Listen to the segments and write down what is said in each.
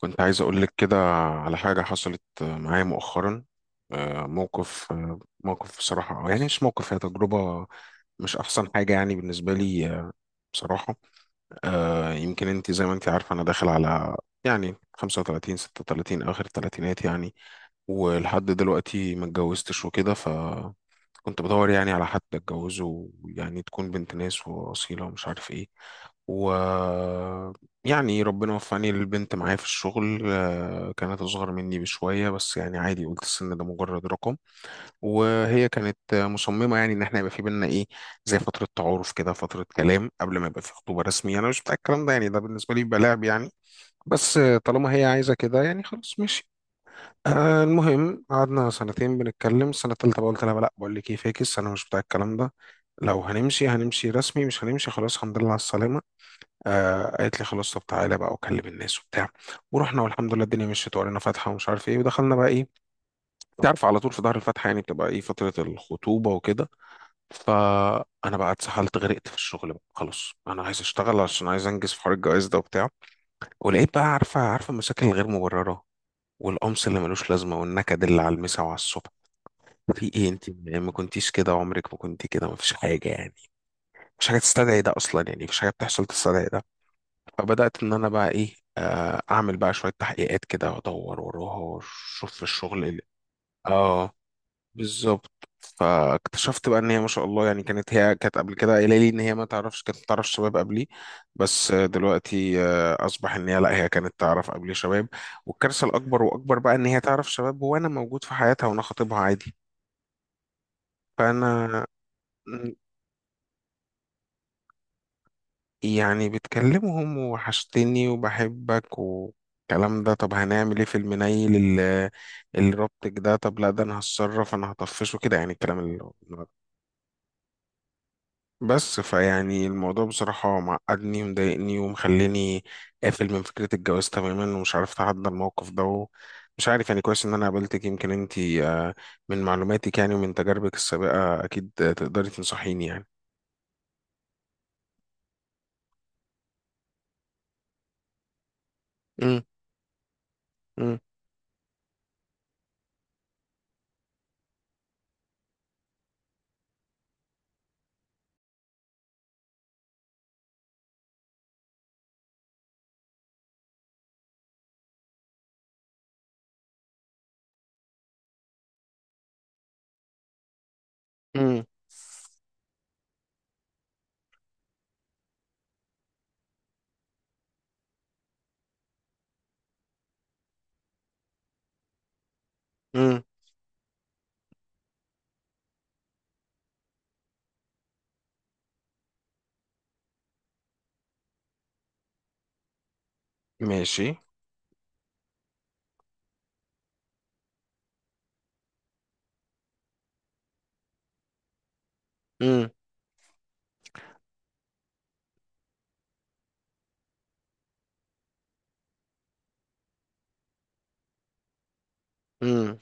كنت عايز أقول لك كده على حاجة حصلت معايا مؤخرا. موقف. موقف بصراحة، أو يعني مش موقف، هي تجربة مش أحسن حاجة يعني بالنسبة لي. بصراحة يمكن أنت زي ما أنت عارفة أنا داخل على يعني 35 36 آخر الثلاثينات يعني، ولحد دلوقتي ما اتجوزتش وكده. كنت بدور يعني على حد اتجوزه، يعني تكون بنت ناس واصيله ومش عارف ايه. و يعني ربنا وفقني، البنت معايا في الشغل كانت أصغر مني بشوية، بس يعني عادي، قلت السن ده مجرد رقم. وهي كانت مصممة يعني إن إحنا يبقى في بينا إيه، زي فترة تعارف كده، فترة كلام قبل ما يبقى في خطوبة رسمية. أنا مش بتاع الكلام ده، يعني ده بالنسبة لي بيبقى لعب يعني. بس طالما هي عايزة كده، يعني خلاص ماشي. المهم قعدنا سنتين بنتكلم، السنة التالتة بقى قلت لها لا، بقول لك ايه، فاكس، أنا مش بتاع الكلام ده. لو هنمشي هنمشي رسمي، مش هنمشي خلاص الحمد لله على السلامة. آه، قالت لي خلاص، طب تعالى بقى وكلم الناس وبتاع. ورحنا والحمد لله الدنيا مشيت وقرينا فاتحة ومش عارف ايه، ودخلنا بقى ايه، انت عارف، على طول في ظهر الفاتحة يعني بتبقى ايه فترة الخطوبة وكده. فأنا بقى اتسحلت، غرقت في الشغل بقى، خلاص أنا عايز أشتغل عشان عايز أنجز في حوار الجواز ده وبتاع. ولقيت بقى، عارفة المشاكل الغير مبررة، والقمص اللي ملوش لازمة، والنكد اللي على المسا وعلى الصبح. في ايه انت يعني؟ ما كنتيش كده، عمرك ما كنت كده، ما فيش حاجه يعني، مش حاجه تستدعي ده اصلا، يعني مفيش حاجه بتحصل تستدعي ده. فبدات ان انا بقى ايه اعمل بقى شويه تحقيقات كده وادور وراها واشوف في الشغل اللي. اه، بالظبط. فاكتشفت بقى ان هي ما شاء الله يعني، كانت، هي كانت قبل كده قايله لي ان هي ما تعرفش، كانت تعرف شباب قبلي. بس دلوقتي اصبح ان هي لا، هي كانت تعرف قبلي شباب. والكارثه الاكبر واكبر بقى، ان هي تعرف شباب وانا موجود في حياتها وانا خاطبها عادي. فانا يعني بتكلمهم وحشتني وبحبك والكلام ده. طب هنعمل ايه في المنيل اللي رابطك ده؟ طب لا، ده انا هتصرف، انا هطفشه كده يعني، الكلام اللي هو-. بس فيعني الموضوع بصراحة معقدني ومضايقني ومخليني قافل من فكرة الجواز تماما، ومش عارف اتعدى الموقف ده. مش عارف يعني، كويس ان انا قابلتك، يمكن انتي من معلوماتك يعني ومن تجاربك السابقة اكيد تقدري تنصحيني يعني. مم، مم، مم، مم. ماشي. مم، مم،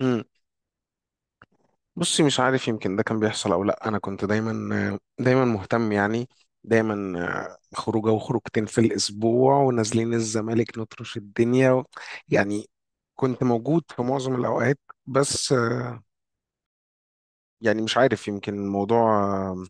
مم. بصي مش عارف، يمكن ده كان بيحصل او لا، انا كنت دايما مهتم يعني، دايما خروجه وخروجتين في الاسبوع ونازلين الزمالك نطرش الدنيا يعني، كنت موجود في معظم الاوقات. بس يعني مش عارف، يمكن الموضوع آه،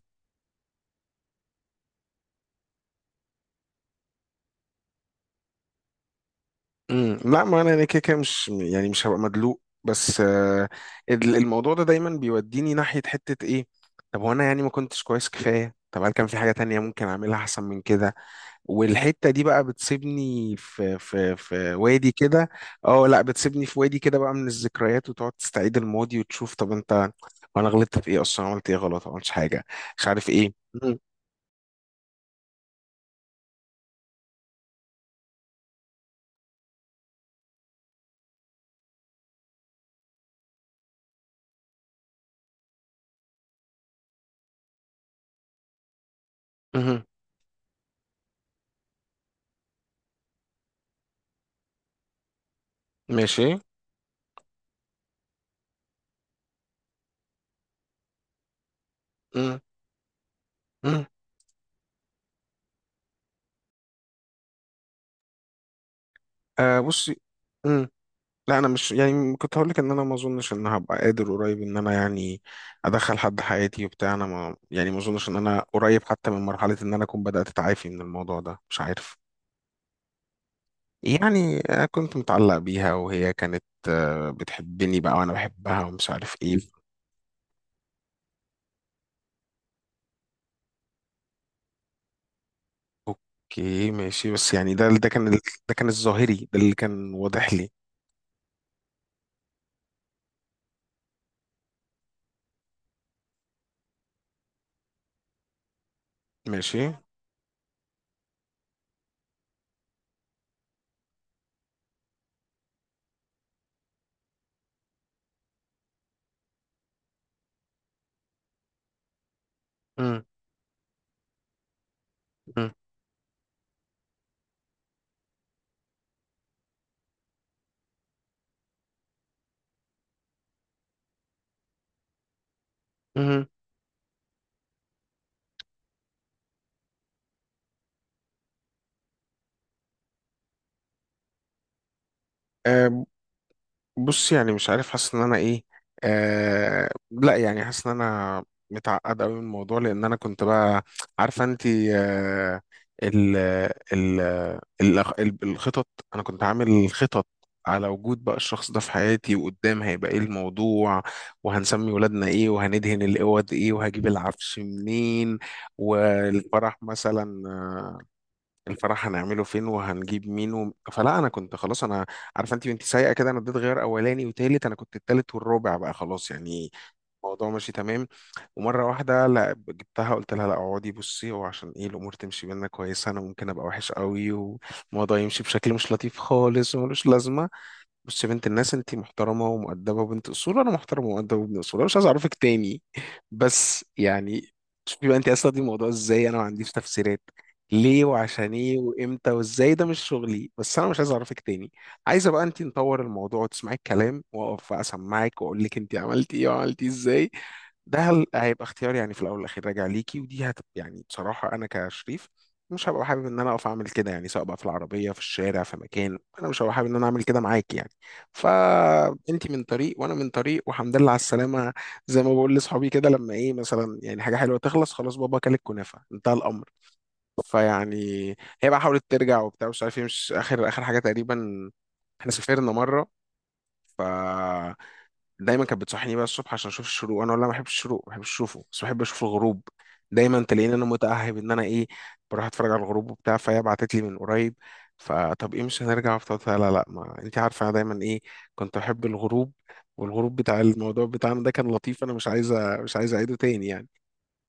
مم. لا ما انا، أنا كده كده مش يعني مش هبقى مدلوق. بس الموضوع ده دايما بيوديني ناحية حتة ايه، طب وانا يعني ما كنتش كويس كفاية؟ طب هل كان في حاجة تانية ممكن اعملها احسن من كده؟ والحته دي بقى بتسيبني في وادي كده. اه لا، بتسيبني في وادي كده بقى من الذكريات، وتقعد تستعيد الماضي وتشوف، طب انت وانا غلطت في ايه اصلا؟ عملت ايه غلط؟ ما عملتش حاجه، مش عارف ايه. مم. مهم. ماشي. مم. مم. آه، بصي. مم. لا انا مش يعني، كنت هقول لك ان انا ما اظنش ان هبقى قادر قريب ان انا يعني ادخل حد حياتي وبتاع، انا ما يعني ما اظنش ان انا قريب حتى من مرحله ان انا اكون بدات اتعافي من الموضوع ده، مش عارف. يعني كنت متعلق بيها، وهي كانت بتحبني بقى وانا بحبها ومش عارف ايه. اوكي ماشي، بس يعني ده كان ال-، ده كان الظاهري، ده اللي كان واضح لي. ماشي. امم بص يعني مش عارف، حاسس ان انا ايه. آه لا يعني، حاسس ان انا متعقد قوي من الموضوع، لان انا كنت بقى عارفه انت آه، ال ال الخطط، انا كنت عامل خطط على وجود بقى الشخص ده في حياتي، وقدام هيبقى ايه الموضوع، وهنسمي ولادنا ايه، وهندهن الاوض ايه، وهجيب العفش منين، والفرح مثلا، الفرح هنعمله فين، وهنجيب مين و... فلا انا كنت خلاص، انا عارفه انت بنت سايقه كده، انا اديت غير اولاني وتالت، انا كنت التالت والرابع بقى، خلاص يعني الموضوع ماشي تمام. ومره واحده لا، جبتها قلت لها لا اقعدي بصي، هو عشان ايه الامور تمشي بينا كويسه، انا ممكن ابقى وحش قوي والموضوع يمشي بشكل مش لطيف خالص وملوش لازمه. بص يا بنت الناس، انت محترمه ومؤدبه وبنت اصول، انا محترم ومؤدب وابن اصول، انا مش عايز اعرفك تاني، بس يعني شوفي بقى، انت اصلا دي الموضوع ازاي، انا ما عنديش تفسيرات ليه وعشان ايه وامتى وازاي، ده مش شغلي، بس انا مش عايز اعرفك تاني. عايزه بقى انت نطور الموضوع وتسمعي الكلام، واقف بقى اسمعك واقول لك انت عملتي ايه وعملتي ازاي، ده هل-، هيبقى اختيار يعني، في الاول والاخير راجع ليكي، ودي هت يعني بصراحه انا كشريف مش هبقى حابب ان انا اقف اعمل كده يعني، سواء بقى في العربيه في الشارع في مكان، انا مش هبقى حابب ان انا اعمل كده معاك يعني. فانت من طريق وانا من طريق والحمد لله على السلامه. زي ما بقول لاصحابي كده، لما ايه مثلا يعني حاجه حلوه تخلص، خلاص بابا، كل الكنافه انتهى الامر. فيعني هي بقى حاولت ترجع وبتاع، مش عارف ايه، مش اخر حاجه تقريبا، احنا سافرنا مره. ف دايما كانت بتصحيني بقى الصبح عشان اشوف الشروق، انا والله ما بحبش الشروق، ما بحبش اشوفه، بس بحب اشوف الغروب، دايما تلاقيني انا متاهب ان انا ايه، بروح اتفرج على الغروب وبتاع. فهي بعتت لي من قريب، فطب ايه مش هنرجع وبتاع، لا لا، ما انت عارفه انا دايما ايه، كنت احب الغروب، والغروب بتاع الموضوع بتاعنا ده كان لطيف، انا مش عايزه مش عايزه اعيده تاني يعني.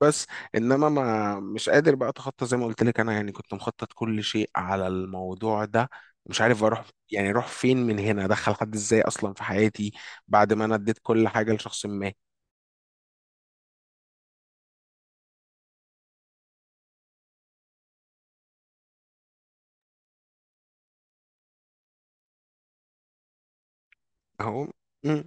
بس انما ما مش قادر بقى اتخطى، زي ما قلت لك انا يعني كنت مخطط كل شيء على الموضوع ده، مش عارف اروح، يعني اروح فين من هنا؟ ادخل حد ازاي اصلا في حياتي بعد ما انا اديت كل حاجه لشخص ما. اهو. مم.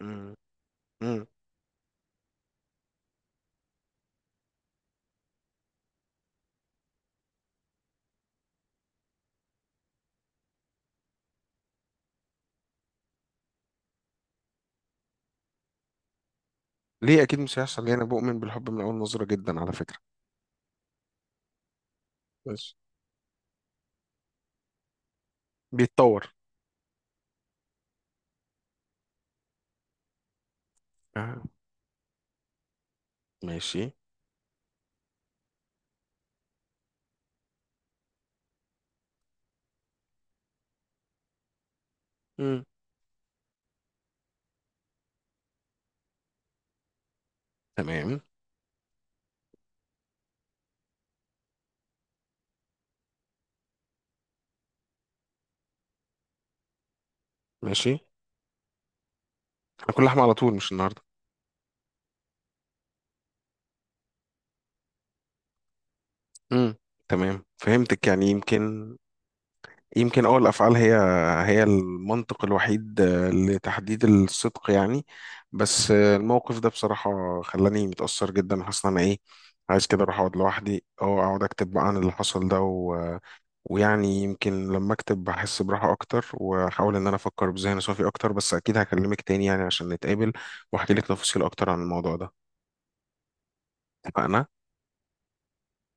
مم. مم. ليه اكيد مش هيحصل ليه؟ انا بؤمن بالحب من اول نظره جدا على فكره، بس بيتطور. آه. ماشي. مم. تمام. ماشي. انا كل لحمه على طول مش النهارده. مم. تمام فهمتك، يعني يمكن، يمكن اه الافعال هي هي المنطق الوحيد لتحديد الصدق يعني. بس الموقف ده بصراحه خلاني متاثر جدا، حاسس ان انا ايه، عايز كده اروح اقعد لوحدي او اقعد اكتب بقى عن اللي حصل ده و... ويعني يمكن لما اكتب بحس براحه اكتر، واحاول ان انا افكر بذهن صافي اكتر، بس اكيد هكلمك تاني يعني عشان نتقابل واحكي لك تفاصيل اكتر عن الموضوع ده. اتفقنا.